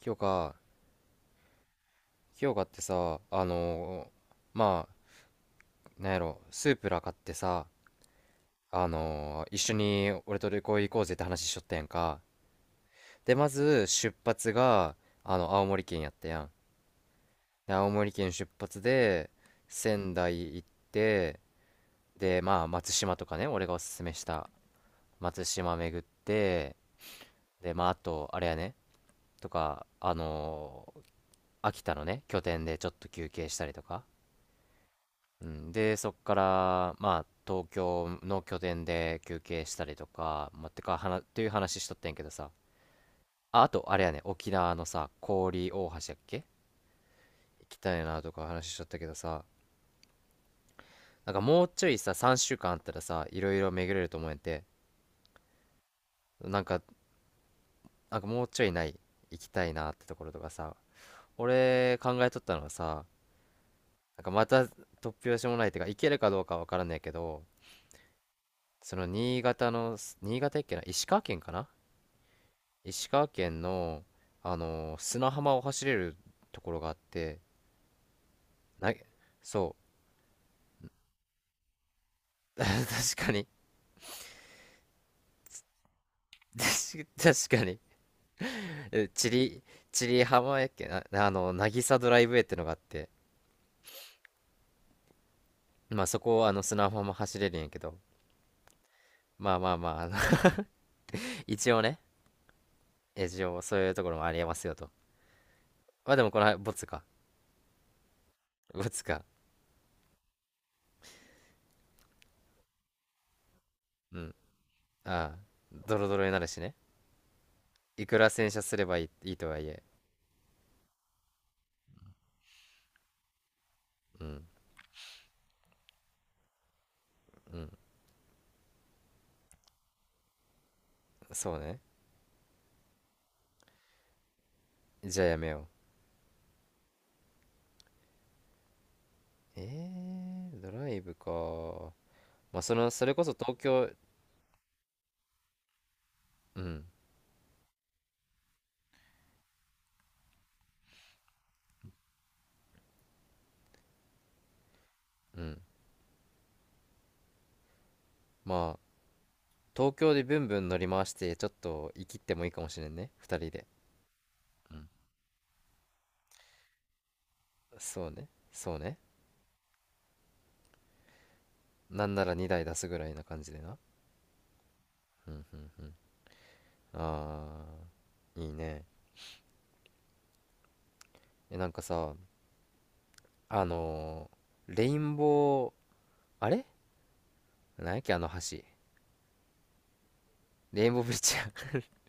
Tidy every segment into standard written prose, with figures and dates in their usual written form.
清香、清香ってさ、まあ、なんやろ、スープラ買ってさ、一緒に俺と旅行行こうぜって話しちょったやんか。で、まず出発が、青森県やったやん。で、青森県出発で、仙台行って、で、まあ、松島とかね、俺がおすすめした松島巡って、で、まあ、あと、あれやね、とか、秋田のね、拠点でちょっと休憩したりとか。うん、で、そこから、まあ、東京の拠点で休憩したりとか、まあ、てか、はな、っていう話しとってんけどさ。あ、あと、あれやね、沖縄のさ、氷大橋やっけ行きたいなとか話しとったけどさ、なんかもうちょいさ、3週間あったらさ、いろいろ巡れると思えんて、なんか、なんかもうちょいない、行きたいなってところとかさ、俺考えとったのはさ、なんかまた突拍子もないっていうか、行けるかどうかわからんねんけど、その新潟の、新潟やっけな、石川県かな。石川県の、砂浜を走れるところがあって、な、そう、確かに、確かに、えチリ、チリ浜やっけな、あの、渚ドライブウェイってのがあって、まあそこをあの砂浜走れるんやけど、まあまあまあ、一応ね、一応そういうところもありえますよと。まあでもこのボツか、ボツか、うん、ああ、ドロドロになるしね、いくら洗車すればいいとはいえ、うん、うん、そうね、じゃあやめよう。えドライブか。まあ、その、それこそ東京、うん、うん。まあ、東京でブンブン乗り回して、ちょっと生きってもいいかもしれんね。二人で。うん。そうね。そうね。なんなら2台出すぐらいな感じでな。あー、いいね。え、なんかさ、あのーレインボー、あれなんやっけ、あの橋。レインボーブリッジや。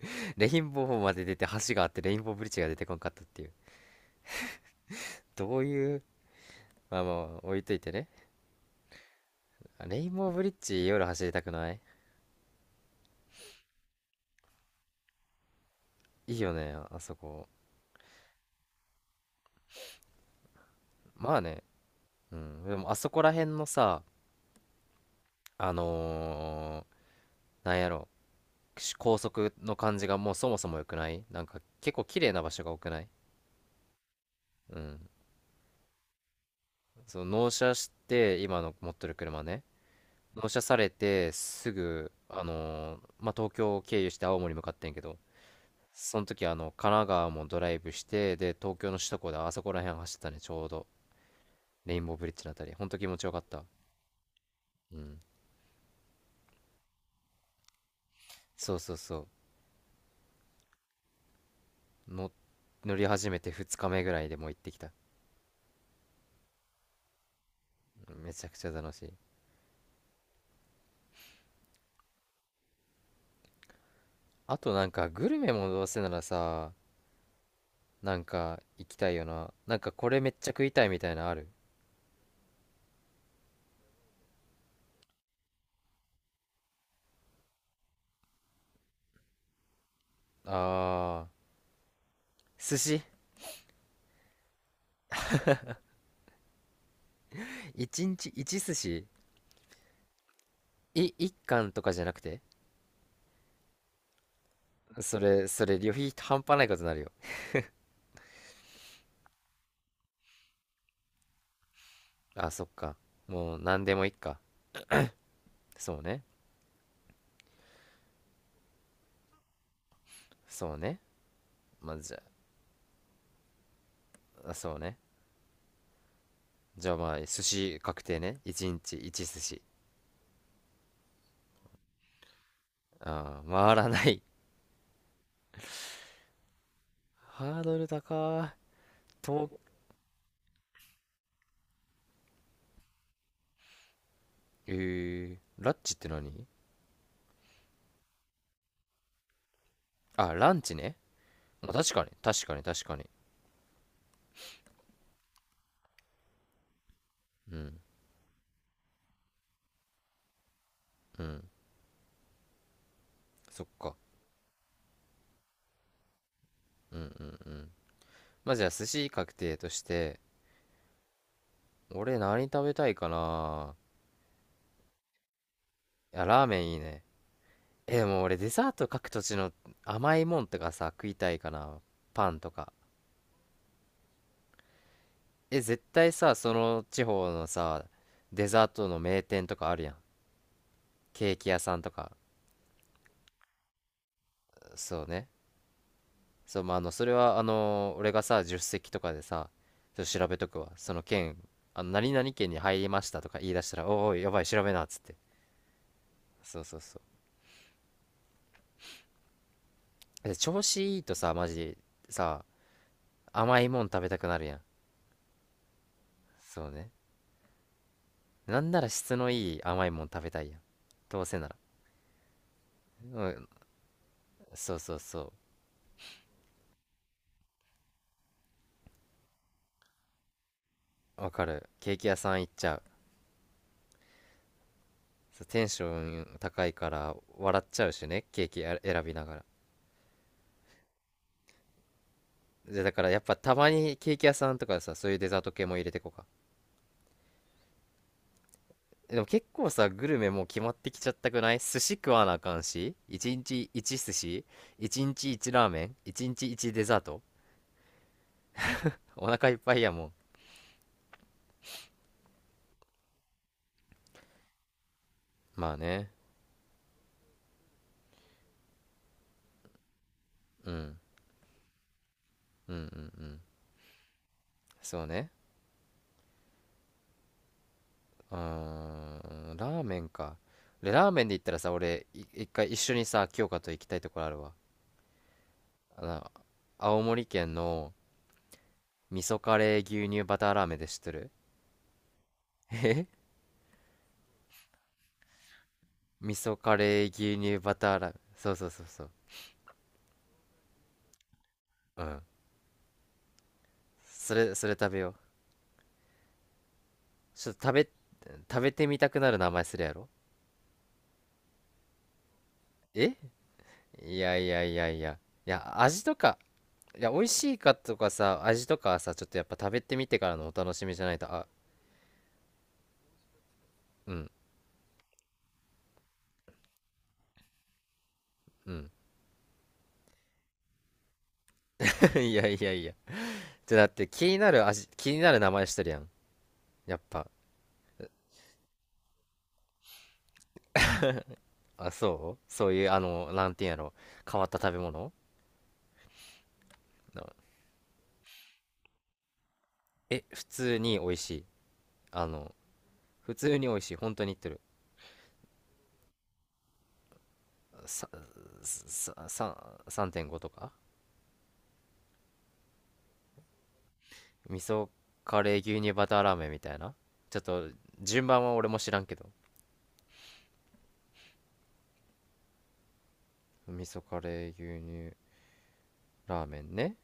レインボーまで出て橋があってレインボーブリッジが出てこんかったっていう。どういう、まあまあ、置いといてね。レインボーブリッジ夜走りたくない。いいよね、あそこ。まあね、うん。でもあそこら辺のさ、あのなんやろ、高速の感じがもうそもそも良くない。なんか結構綺麗な場所が多くない？うん。その納車して、今の持ってる車ね。納車されて、すぐ、まあ、東京を経由して青森向かってんけど、その時神奈川もドライブして、で、東京の首都高であそこら辺走ったね、ちょうど。レインボーブリッジのあたり。ほんと気持ちよかった。うん。そうそうそう。乗り始めて2日目ぐらいでもう行ってきた。めちゃくちゃ楽しい。あとなんかグルメもどうせならさ、なんか行きたいよな。なんかこれめっちゃ食いたいみたいなのある？あー、寿司、1日1寿司。1貫とかじゃなくて？それ旅費半端ないことになるよ。あ、そっか。もう何でもいいか。そうね、そうね。まあじゃあ、あ、そうね、じゃあまあ寿司確定ね。1日1寿司。ああ回らない。ハードル高い。と、えラッチって何？あ、ランチね。まあ確かに、確かに、確かに。うん、うん。そっか。うん、うん、うん。まあ、じゃあ、寿司確定として、俺何食べたいかな。いや、ラーメンいいね。え、でも俺デザート各土地の甘いもんとかさ、食いたいかな。パンとか。え、絶対さ、その地方のさ、デザートの名店とかあるやん。ケーキ屋さんとか。そうね。そう、まあ、それは、俺がさ、助手席とかでさ、ちょっと調べとくわ。その件、何々県に入りましたとか言い出したら、おいおい、やばい、調べな、っつって。そうそうそう。で、調子いいとさ、マジ、さ、甘いもん食べたくなるやん。そうね。なんなら質のいい甘いもん食べたいやん。どうせなら。うん、そうそうそう。わかる。ケーキ屋さん行っちゃう。そうテンション高いから笑っちゃうしね、ケーキや選びながら。で、だからやっぱたまにケーキ屋さんとかさ、そういうデザート系も入れてこうか。でも結構さ、グルメもう決まってきちゃったくない？寿司食わなあかんし、1日1寿司、1日1ラーメン、1日1デザート。お腹いっぱいやもん。まあね。うん。うんうんうん。そうね。うーん。ラーメンか。でラーメンで言ったらさ、俺、一回一緒にさ、京香と行きたいところあるわ。あの、青森県の味噌カレー牛乳バターラーメンで知ってる？え味噌カレー牛乳バターラーメン。そうそうそうそう。うん。それ食べよう。ちょっと食べ、食べてみたくなる名前するやろ？えいやいやいやいや。いや、味とか、いや、美味しいかとかさ、味とかはさ、ちょっとやっぱ食べてみてからのお楽しみじゃないと、うん、うん。いやいやいや。じゃ、だって気になる名前してるやん。やっぱ。あ、そうそういう、なんていうんやろ。変わった食べ物な。普通に美味しい。あの、普通に美味しい。本当に言ってる。さ、さ、さ、3.5とか。味噌カレー牛乳バターラーメンみたいな。ちょっと順番は俺も知らんけど。味噌カレー牛乳ラーメンね、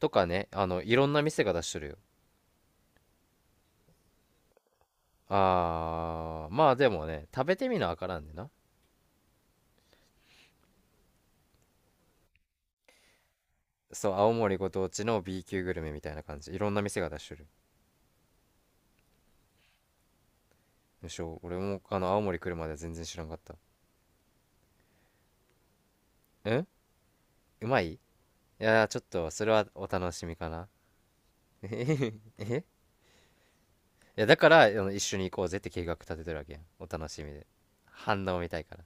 とかね、あのいろんな店が出しとるよ。あー、まあでもね、食べてみなわからんでな。そう、青森ご当地の B 級グルメみたいな感じ、いろんな店が出しとる。むしろ俺もあの青森来るまで全然知らんかった。うん。うまい。やー、ちょっとそれはお楽しみかな。いやだから、あの、一緒に行こうぜって計画立ててるわけやん、お楽しみで。反応見たいから。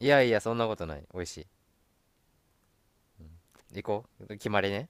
いやいや、そんなことない。美味しい。行こう。決まりね。